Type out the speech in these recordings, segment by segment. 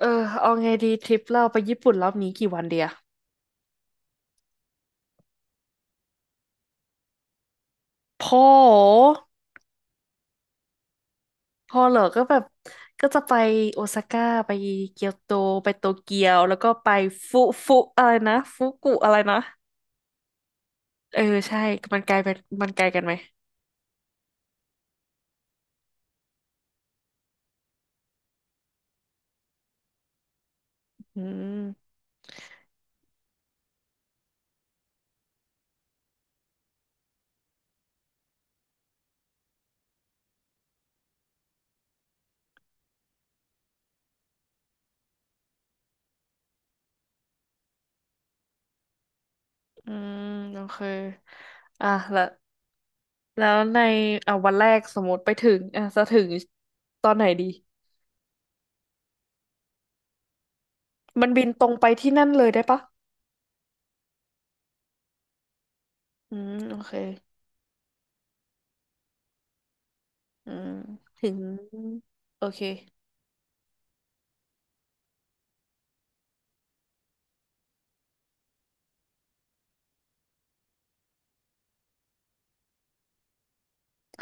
เออเอาไงดีทริปเราไปญี่ปุ่นรอบนี้กี่วันเดียพอพอเหรอก็แบบก็จะไปโอซาก้าไปเกียวโตไปโตเกียวแล้วก็ไปฟุฟุอะไรนะฟุกุอะไรนะเออใช่มันไกลไปมันไกลกันไหมอืมอืมโอเคอ่ะแล้วในอ่ะวันแรกสมมติไปถึงจะถึงตอนไหนดีมันบินตรงไปที่นั่นเลยได้ปะอืมโอเคอืมถึงโอเค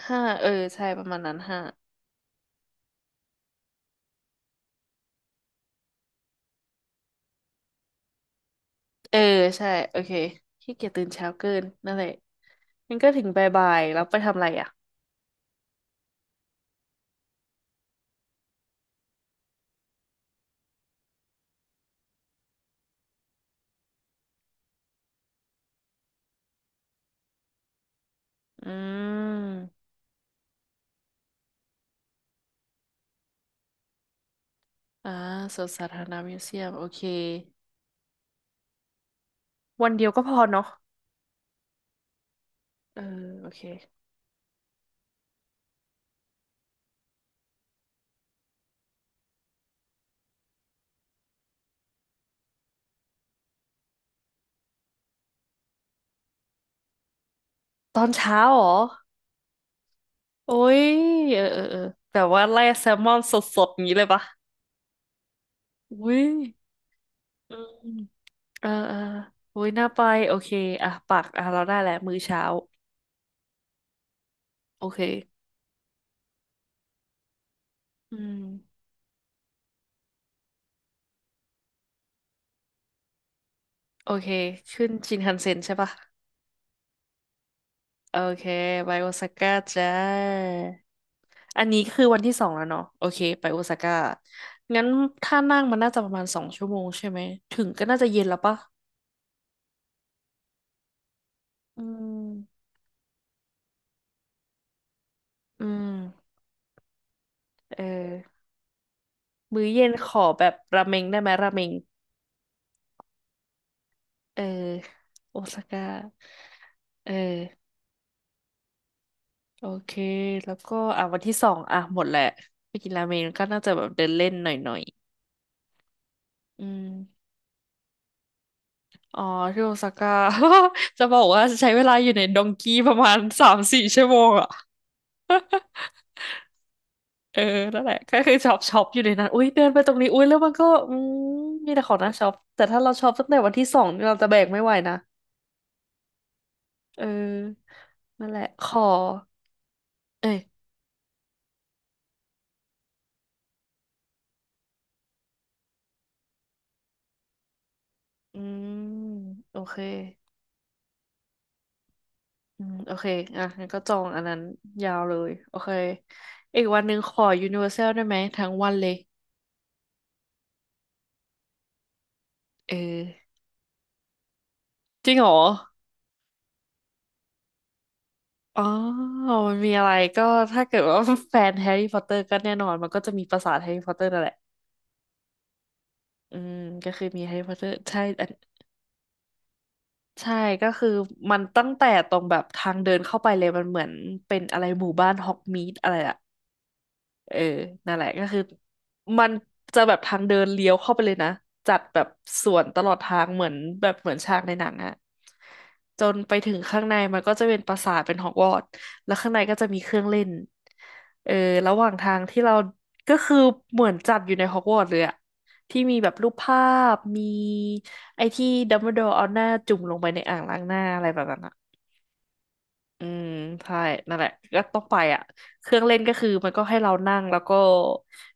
ห้าเออใช่ประมาณนั้นห้าเออใช่โอเคขี้เกียจตื่นเช้าเกินนั่นแหละมันก็ถึงบ่ายๆแล้วไปทำอะไรอ่ะอืมอ่าสวนสาธารณะมิวเซียมโอเควันเดียวก็พอเนาะเออโอเคตอนเช้าเหรอโอ้ยเออเออเออแบบว่าไล่แซลมอนสดๆอย่างนี้เลยปะอุ้ยอืมเออเอออุ้ยน่าไปโอเคอ่ะปักอ่ะเราได้แหละมื้อเช้าโอเคอืมโอเคขึ้นชินคันเซ็นใช่ปะ โอเคไปโอซาก้าจ้าอันนี้คือวันที่สองแล้วเนาะโอเคไปโอซาก้างั้นถ้านั่งมันน่าจะประมาณสองชั่วโมงใช่ไหมถึงก็น่าจะเย็นแล้วปะอืมอืมเออมื้อเย็นขอแบบราเมงได้ไหมราเมงเออโอซาก้าเออโอเคแล้วก็อ่ะวันที่สองอ่ะหมดแหละไปกินราเมงก็น่าจะแบบเดินเล่นหน่อยๆอืม อ๋อ ที่โอซาก้า จะบอกว่าใช้เวลาอยู่ในดงกี้ประมาณสามสี่ชั่วโมงอ่ะเออนั่นแหละก็คือช็อปอยู่ในนั้นอุ้ยเดินไปตรงนี้อุ้ยแล้วมันก็อืมมีแต่ของน่าช็อปแต่ถ้าเราช็อปตั้งแต่วันที่สองเราจะแบกไม่ไหวนะเออนั่นแหละขอเอ้ยอืมโอเคอืมโอเคอ่ะงั้นก็จองอันนั้นยาวเลยโอเคอีกวันหนึ่งขอ Universal ได้ไหมทั้งวันเลยเออจริงเหรอ อ๋อมันมีอะไรก็ถ้าเกิดว่า แฟนแฮร์รี่พอตเตอร์ก็แน่นอนมันก็จะมีปราสาทแฮร์รี่พอตเตอร์นั่นแหละอืมก็คือมีแฮร์รี่พอตเตอร์ใช่อันใช่ก็คือมันตั้งแต่ตรงแบบทางเดินเข้าไปเลยมันเหมือนเป็นอะไรหมู่บ้านฮอกมีดอะไรอะ เออนั่นแหละก็คือมันจะแบบทางเดินเลี้ยวเข้าไปเลยนะ จัดแบบสวนตลอดทางเหมือนแบบเหมือนฉากในหนังอะจนไปถึงข้างในมันก็จะเป็นปราสาทเป็นฮอกวอตส์แล้วข้างในก็จะมีเครื่องเล่นเออระหว่างทางที่เราก็คือเหมือนจัดอยู่ในฮอกวอตส์เลยอะที่มีแบบรูปภาพ มีไอ้ที่ดัมเบิลดอร์เอาหน้าจุ่มลงไปในอ่างล้างหน้าอะไรแบบนั้นอะ อืมใช่นั่นแหละก็ต้องไปอ่ะเครื่องเล่นก็คือมันก็ให้เรานั่งแล้วก็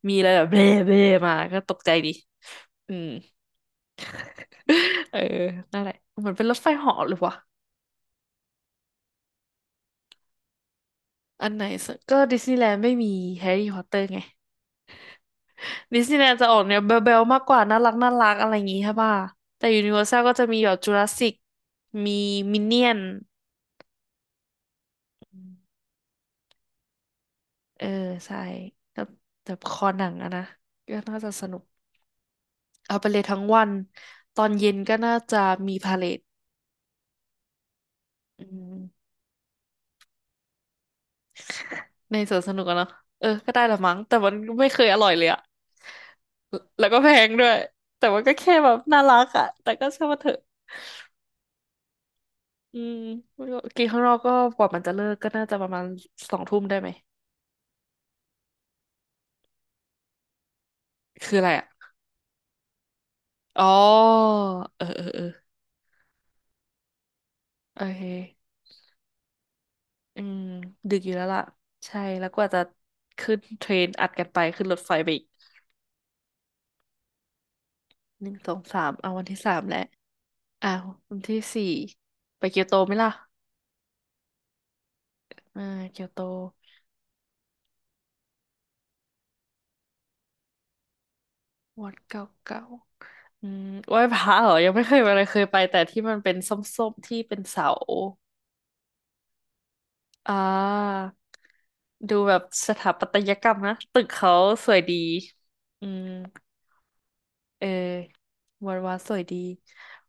มีอะไรแบบเบ้มาก็ตกใจดีอืม เออนั่นแหละเหมือนเป็นรถไฟเหาะหรือวะอันไหนสกก็ดิสนีย์แลนด์ไม่มีแฮร์รี่พอตเตอร์ไงดิสนีย์แลนด์จะออกแนวเบลๆมากกว่าน่ารักน่ารักอะไรอย่างงี้ใช่ป่ะแต่ยูนิเวอร์แซลก็จะมีแบบจูราสสิกมีมินเนี่ยนเออใช่แบบแบบคอหนังอะนะก็น่าจะสนุก เอาไปเลยทั้งวันตอนเย็นก็น่าจะมีพาเลทอืมในสวนสนุกอะเนาะเออก็ได้ละมั้งแต่มันไม่เคยอร่อยเลยอะแล้วก็แพงด้วยแต่มันก็แค่แบบน่ารักอะแต่ก็ช่างมันเถอะอืมกินข้างนอกก็กว่ามันจะเลิกก็น่าจะประมาณสองทุ่มได้ไหมคืออะไรอะอ๋อเออเออเออโอเคอืมดึกอยู่แล้วล่ะใช่แล้วกว่าจะขึ้นเทรนอัดกันไปขึ้นรถไฟไปอีกหนึ่งสองสามเอาวันที่สามแล้ว อ้าววันที่สี่ไปเกียวโตไหมล่ะอ่าเกียวโตวัดเก่าอืมไหว้พระเหรอยังไม่เคยไปเลยเคยไปแต่ที่มันเป็นส้มๆที่เป็นเสาอ่าดูแบบสถาปัตยกรรมนะ ตึกเขาสวยดีอืมเออวัดวัดสวยดี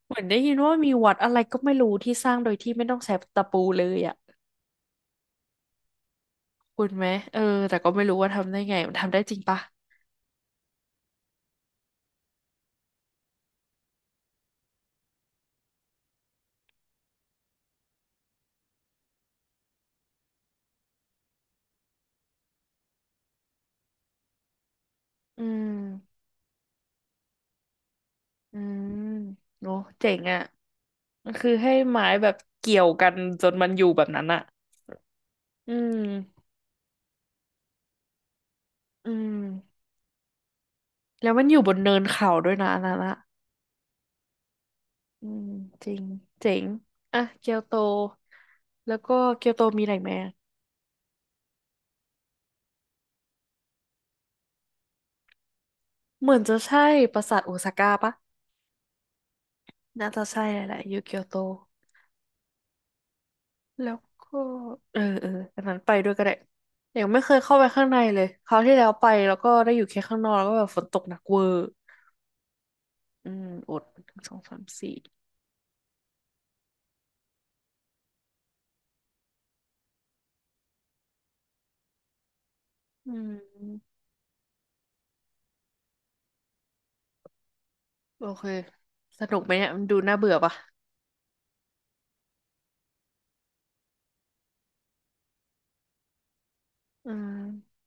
เหมือนได้ยินว่ามีวัดอะไรก็ไม่รู้ที่สร้างโดยที่ไม่ต้องใช้ตะปูเลยอ่ะคุณไหมเออแต่ก็ไม่รู้ว่าทำได้ไง มันทำได้จริงปะอืมอืมโอ้เจ๋งอ่ะ มันคือให้ไม้แบบเกี่ยวกันจนมันอยู่แบบนั้นอะอืมอืมแล้วมันอยู่บนเนินเขาด้วยนะอันนั้นอะอืมจริงเจ๋งอ่ะเกียวโต แล้วก็เกียวโตมีอะไรไหมอะเหมือนจะใช่ปราสาทโอซาก้าปะน่าจะใช่แหละแหละอยู่เกียวโต แล้วก็เออเอออันนั้นไปด้วยก็ได้ยังไม่เคยเข้าไปข้างในเลยคราวที่แล้วไปแล้วก็ได้อยู่แค่ข้างนอกแล้วก็แบบฝนตกหนักเวอร์อืมอดหนึ่งสองสามสี่อืม โอเค สนุกไหมเนี่ยมันดูน่าเบื่อปะอืม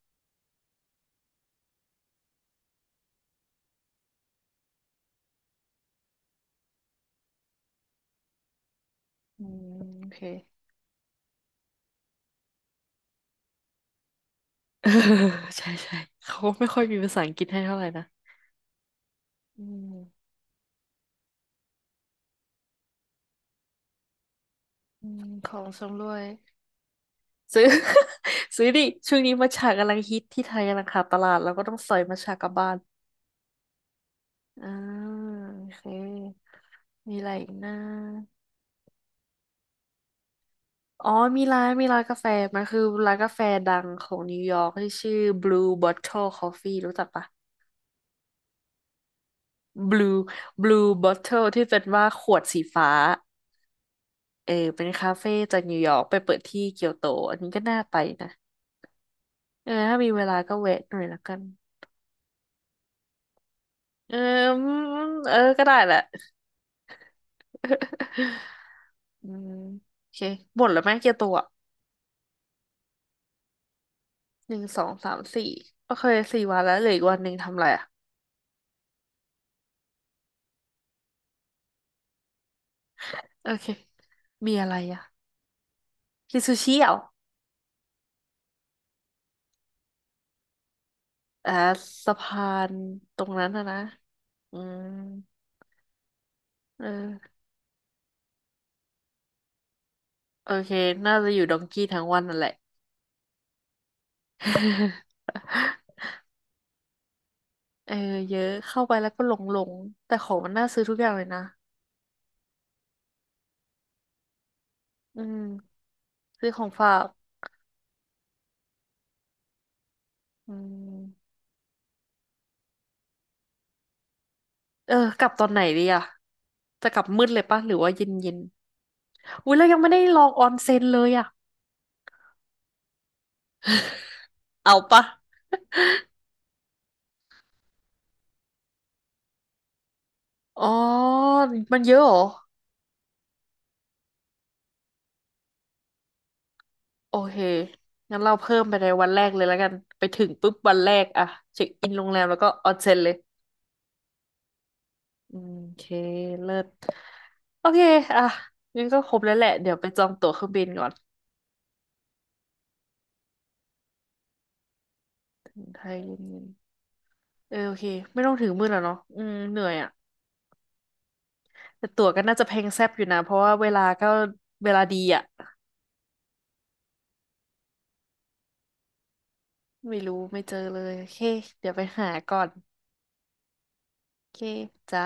อืมโอเค เออใช่ใช่เขาไม่ค่อยมีภาษาอังกฤษให้เท่าไหร่นะอืมอืมของชำร่วยซื้อ ซื้อดิช่วงนี้มัทฉะกำลังฮิตที่ไทยกำลังขาดตลาดแล้วก็ต้องสอยมัทฉะกลับบ้านอ่าโอเค มีอะไรอีกนะอ๋อมีร้านกาแฟมันคือร้านกาแฟดังของนิวยอร์กที่ชื่อ Blue Bottle Coffee รู้จักปะ blue blue bottle ที่เป็นว่าขวดสีฟ้าเออเป็นคาเฟ่จากนิวยอร์กไปเปิดที่เกียวโตอันนี้ก็น่าไปนะเออถ้ามีเวลาก็แวะหน่อยละกันเอออืมเออก็ได้แหละ อืมโอเคหมดแล้วไหมเกียวโตอ่ะหนึ่งสองสามสี่โอเคสี่วันแล้วเหลืออีกวันหนึ่งทำอะไรอ่ะโอเคมีอะไรอ่ะกินซูชิเหรออ่าสะพานตรงนั้นนะนะอืมเออโอเคน่าจะอยู่ดองกี้ทั้งวันนั่นแหละ เออเยอะเข้าไปแล้วก็หลงแต่ของมันน่าซื้อทุกอย่างเลยนะอืมซื้อของฝากอืมเออกลับตอนไหนดีอะจะกลับมืดเลยปะหรือว่าเย็นเย็นอุ้ยเรายังไม่ได้ลองออนเซ็นเลยอะ เอาปะอ๋อมันเยอะเหรอโอเคงั้นเราเพิ่มไปในวันแรกเลยแล้วกันไปถึงปุ๊บวันแรกอะเช็คอินโรงแรมแล้วก็ออนเซ็นเลย อืมโอเคเลิศโอเคอ่ะงั้นก็ครบแล้วแหละเดี๋ยวไปจองตั๋วเครื่องบินก่อนไทยเย็นๆเออโอเคไม่ต้องถึงมือแล้วเนาะอืมเหนื่อยอ่ะแต่ตั๋วก็น่าจะแพงแซบอยู่นะเพราะว่าเวลาดีอ่ะไม่รู้ไม่เจอเลยโอเคเดี๋ยวไปหาก่อนโอเคจ้า